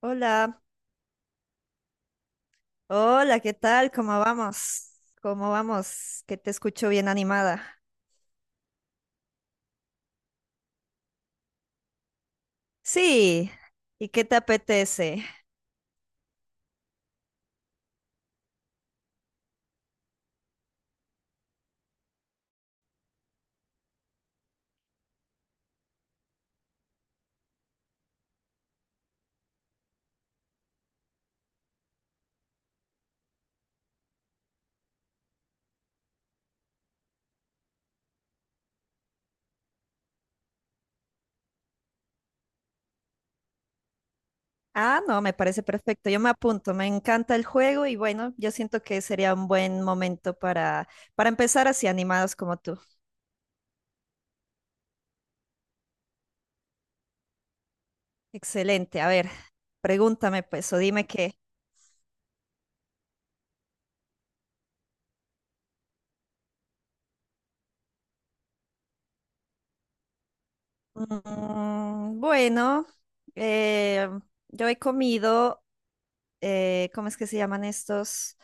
Hola, hola, ¿qué tal? ¿Cómo vamos? ¿Cómo vamos? Que te escucho bien animada. Sí, ¿y qué te apetece? Ah, no, me parece perfecto. Yo me apunto, me encanta el juego y bueno, yo siento que sería un buen momento para empezar así animados como tú. Excelente, a ver, pregúntame pues o dime qué. Bueno, eh, yo he comido ¿cómo es que se llaman estos?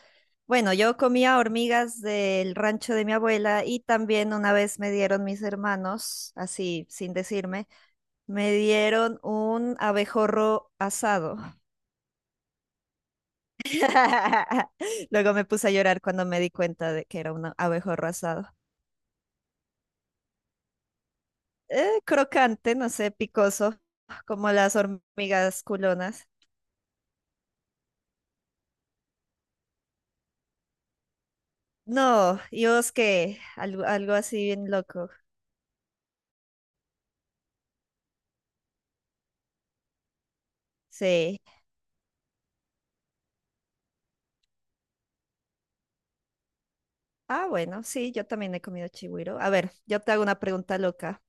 Bueno, yo comía hormigas del rancho de mi abuela y también una vez me dieron mis hermanos, así sin decirme, me dieron un abejorro asado. Luego me puse a llorar cuando me di cuenta de que era un abejorro asado. Crocante, no sé, picoso, como las hormigas culonas. No, y vos qué, algo así bien loco. Sí. Ah, bueno, sí, yo también he comido chigüiro. A ver, yo te hago una pregunta loca.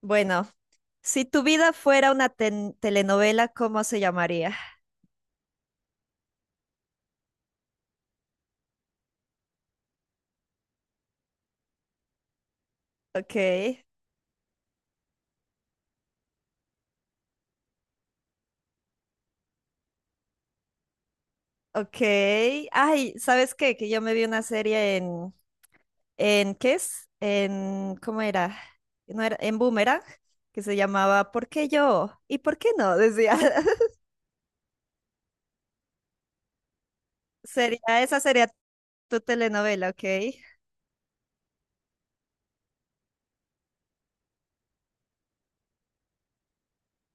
Bueno, si tu vida fuera una telenovela, ¿cómo se llamaría? Ok, ok. Ay, ¿sabes qué? Que yo me vi una serie en ¿qué es? En, ¿cómo era? No era, en Boomerang, que se llamaba ¿Por qué yo? ¿Y por qué no? Decía. Sería, esa sería tu telenovela, ok.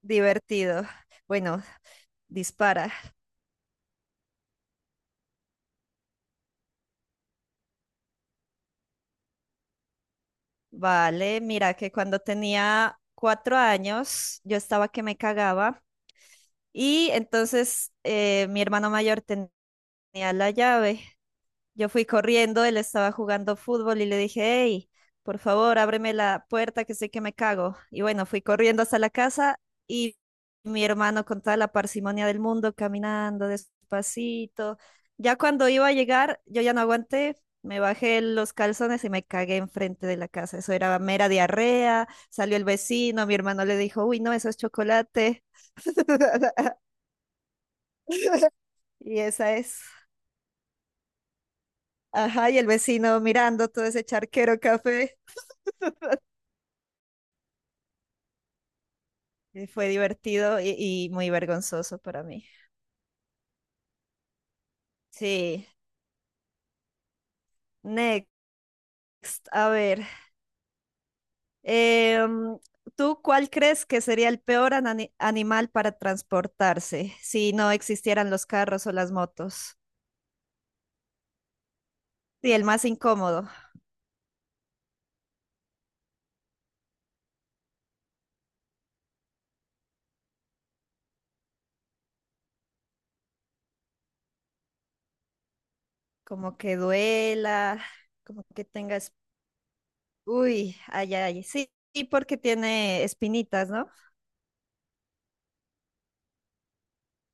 Divertido. Bueno, dispara. Vale, mira que cuando tenía 4 años yo estaba que me cagaba y entonces mi hermano mayor tenía la llave, yo fui corriendo, él estaba jugando fútbol y le dije, hey, por favor, ábreme la puerta que sé que me cago. Y bueno, fui corriendo hasta la casa y mi hermano con toda la parsimonia del mundo, caminando despacito. Ya cuando iba a llegar, yo ya no aguanté, me bajé los calzones y me cagué enfrente de la casa. Eso era mera diarrea, salió el vecino, mi hermano le dijo, uy, no, eso es chocolate. Y esa es. Ajá, y el vecino mirando todo ese charquero café. Fue divertido y muy vergonzoso para mí. Sí, next. A ver, em, ¿tú cuál crees que sería el peor animal para transportarse si no existieran los carros o las motos? Sí, el más incómodo, como que duela, como que tengas... Uy, ay, ay, sí, y porque tiene espinitas, ¿no?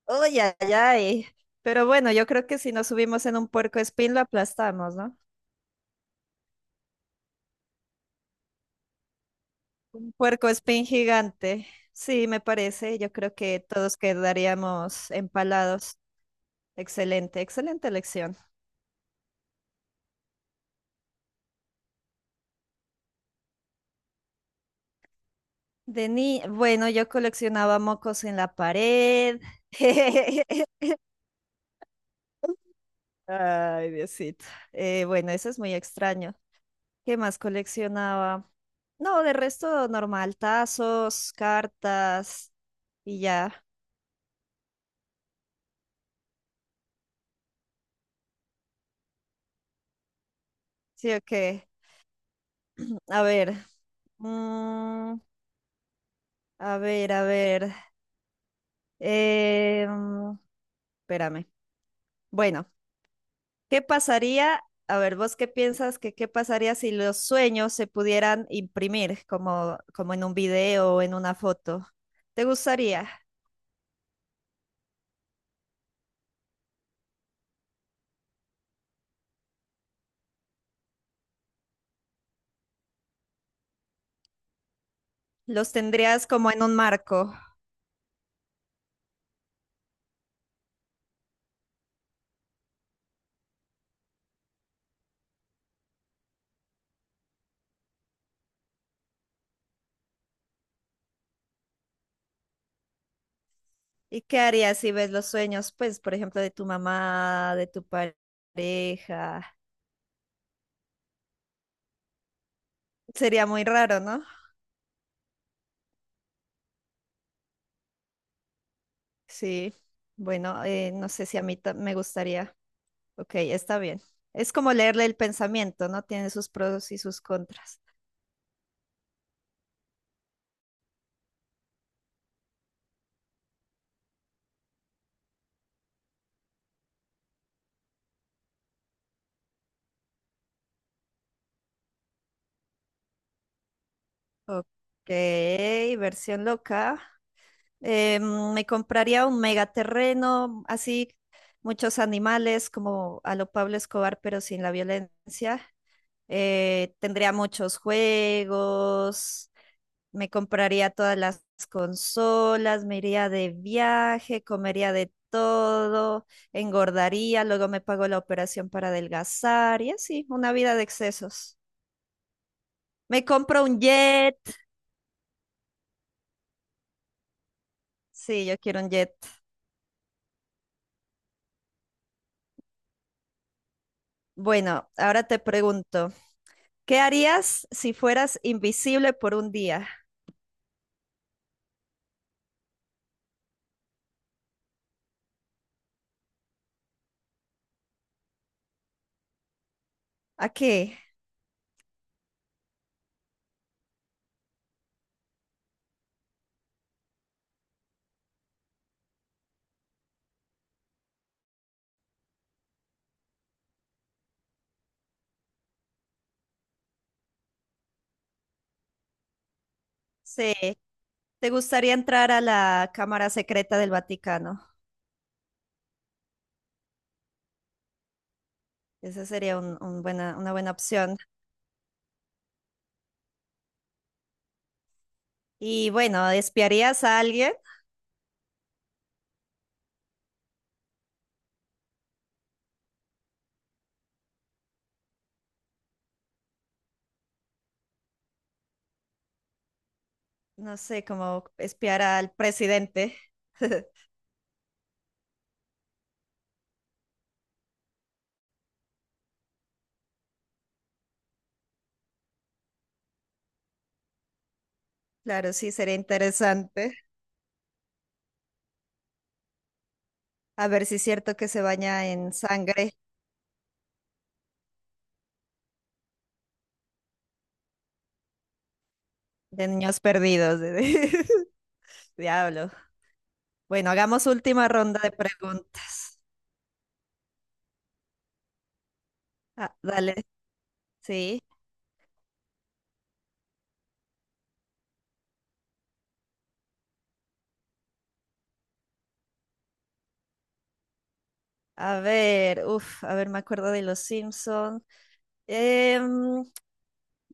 Uy, ay, ay. Pero bueno, yo creo que si nos subimos en un puerco espín lo aplastamos, ¿no? Un puerco espín gigante. Sí, me parece. Yo creo que todos quedaríamos empalados. Excelente, excelente elección. De ni... Bueno, yo coleccionaba mocos en la pared. Ay, Diosito. Bueno, eso es muy extraño. ¿Qué más coleccionaba? No, de resto normal, tazos, cartas y ya. Sí, ok. A ver. mm, a ver, a ver. Eh, mm, espérame. Bueno, ¿qué pasaría? A ver, ¿vos qué piensas que qué pasaría si los sueños se pudieran imprimir como en un video o en una foto? ¿Te gustaría? ¿Los tendrías como en un marco? ¿Y qué harías si ves los sueños, pues, por ejemplo, de tu mamá, de tu pareja? Sería muy raro, ¿no? Sí. Bueno, no sé si a mí me gustaría. Ok, está bien. Es como leerle el pensamiento, ¿no? Tiene sus pros y sus contras. Ok, versión loca. Me compraría un megaterreno, así muchos animales como a lo Pablo Escobar, pero sin la violencia. Tendría muchos juegos, me compraría todas las consolas, me iría de viaje, comería de todo, engordaría, luego me pago la operación para adelgazar y así, una vida de excesos. Me compro un jet. Sí, yo quiero un jet. Bueno, ahora te pregunto, ¿qué harías si fueras invisible por un día? ¿A qué? Sí, ¿te gustaría entrar a la Cámara Secreta del Vaticano? Esa sería una buena opción. Y bueno, ¿espiarías a alguien? No sé, como espiar al presidente. Claro, sí, sería interesante. A ver si es cierto que se baña en sangre de niños perdidos. Diablo. Bueno, hagamos última ronda de preguntas. Ah, dale. Sí, a ver, a ver, me acuerdo de Los Simpson. Em,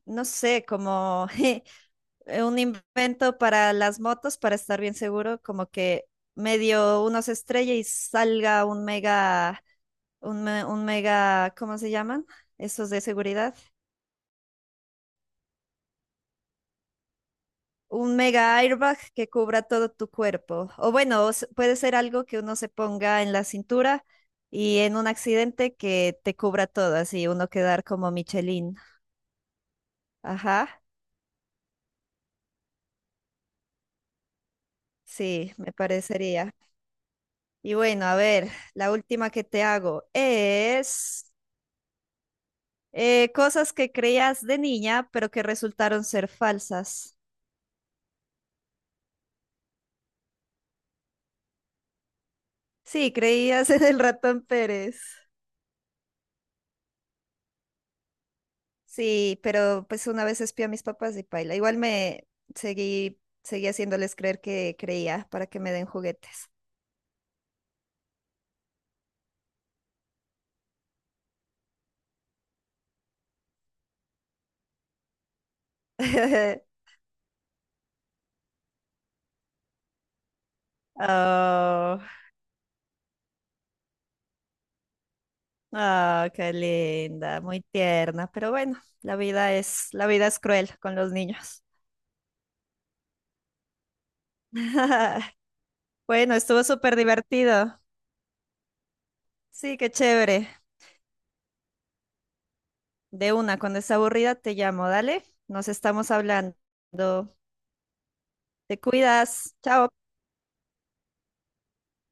no sé, como un invento para las motos, para estar bien seguro, como que medio uno se estrella y salga un mega, un mega, ¿cómo se llaman? Esos de seguridad. Un mega airbag que cubra todo tu cuerpo. O bueno, puede ser algo que uno se ponga en la cintura y en un accidente que te cubra todo, así uno quedar como Michelin. Ajá, sí, me parecería. Y bueno, a ver, la última que te hago es cosas que creías de niña, pero que resultaron ser falsas. Sí, creías en el ratón Pérez. Sí, pero pues una vez espié a mis papás y paila. Igual me seguí haciéndoles creer que creía para que me den juguetes. Oh, oh, qué linda, muy tierna, pero bueno, la vida es cruel con los niños. Bueno, estuvo súper divertido. Sí, qué chévere. De una, cuando esté aburrida te llamo, dale. Nos estamos hablando. Te cuidas. Chao.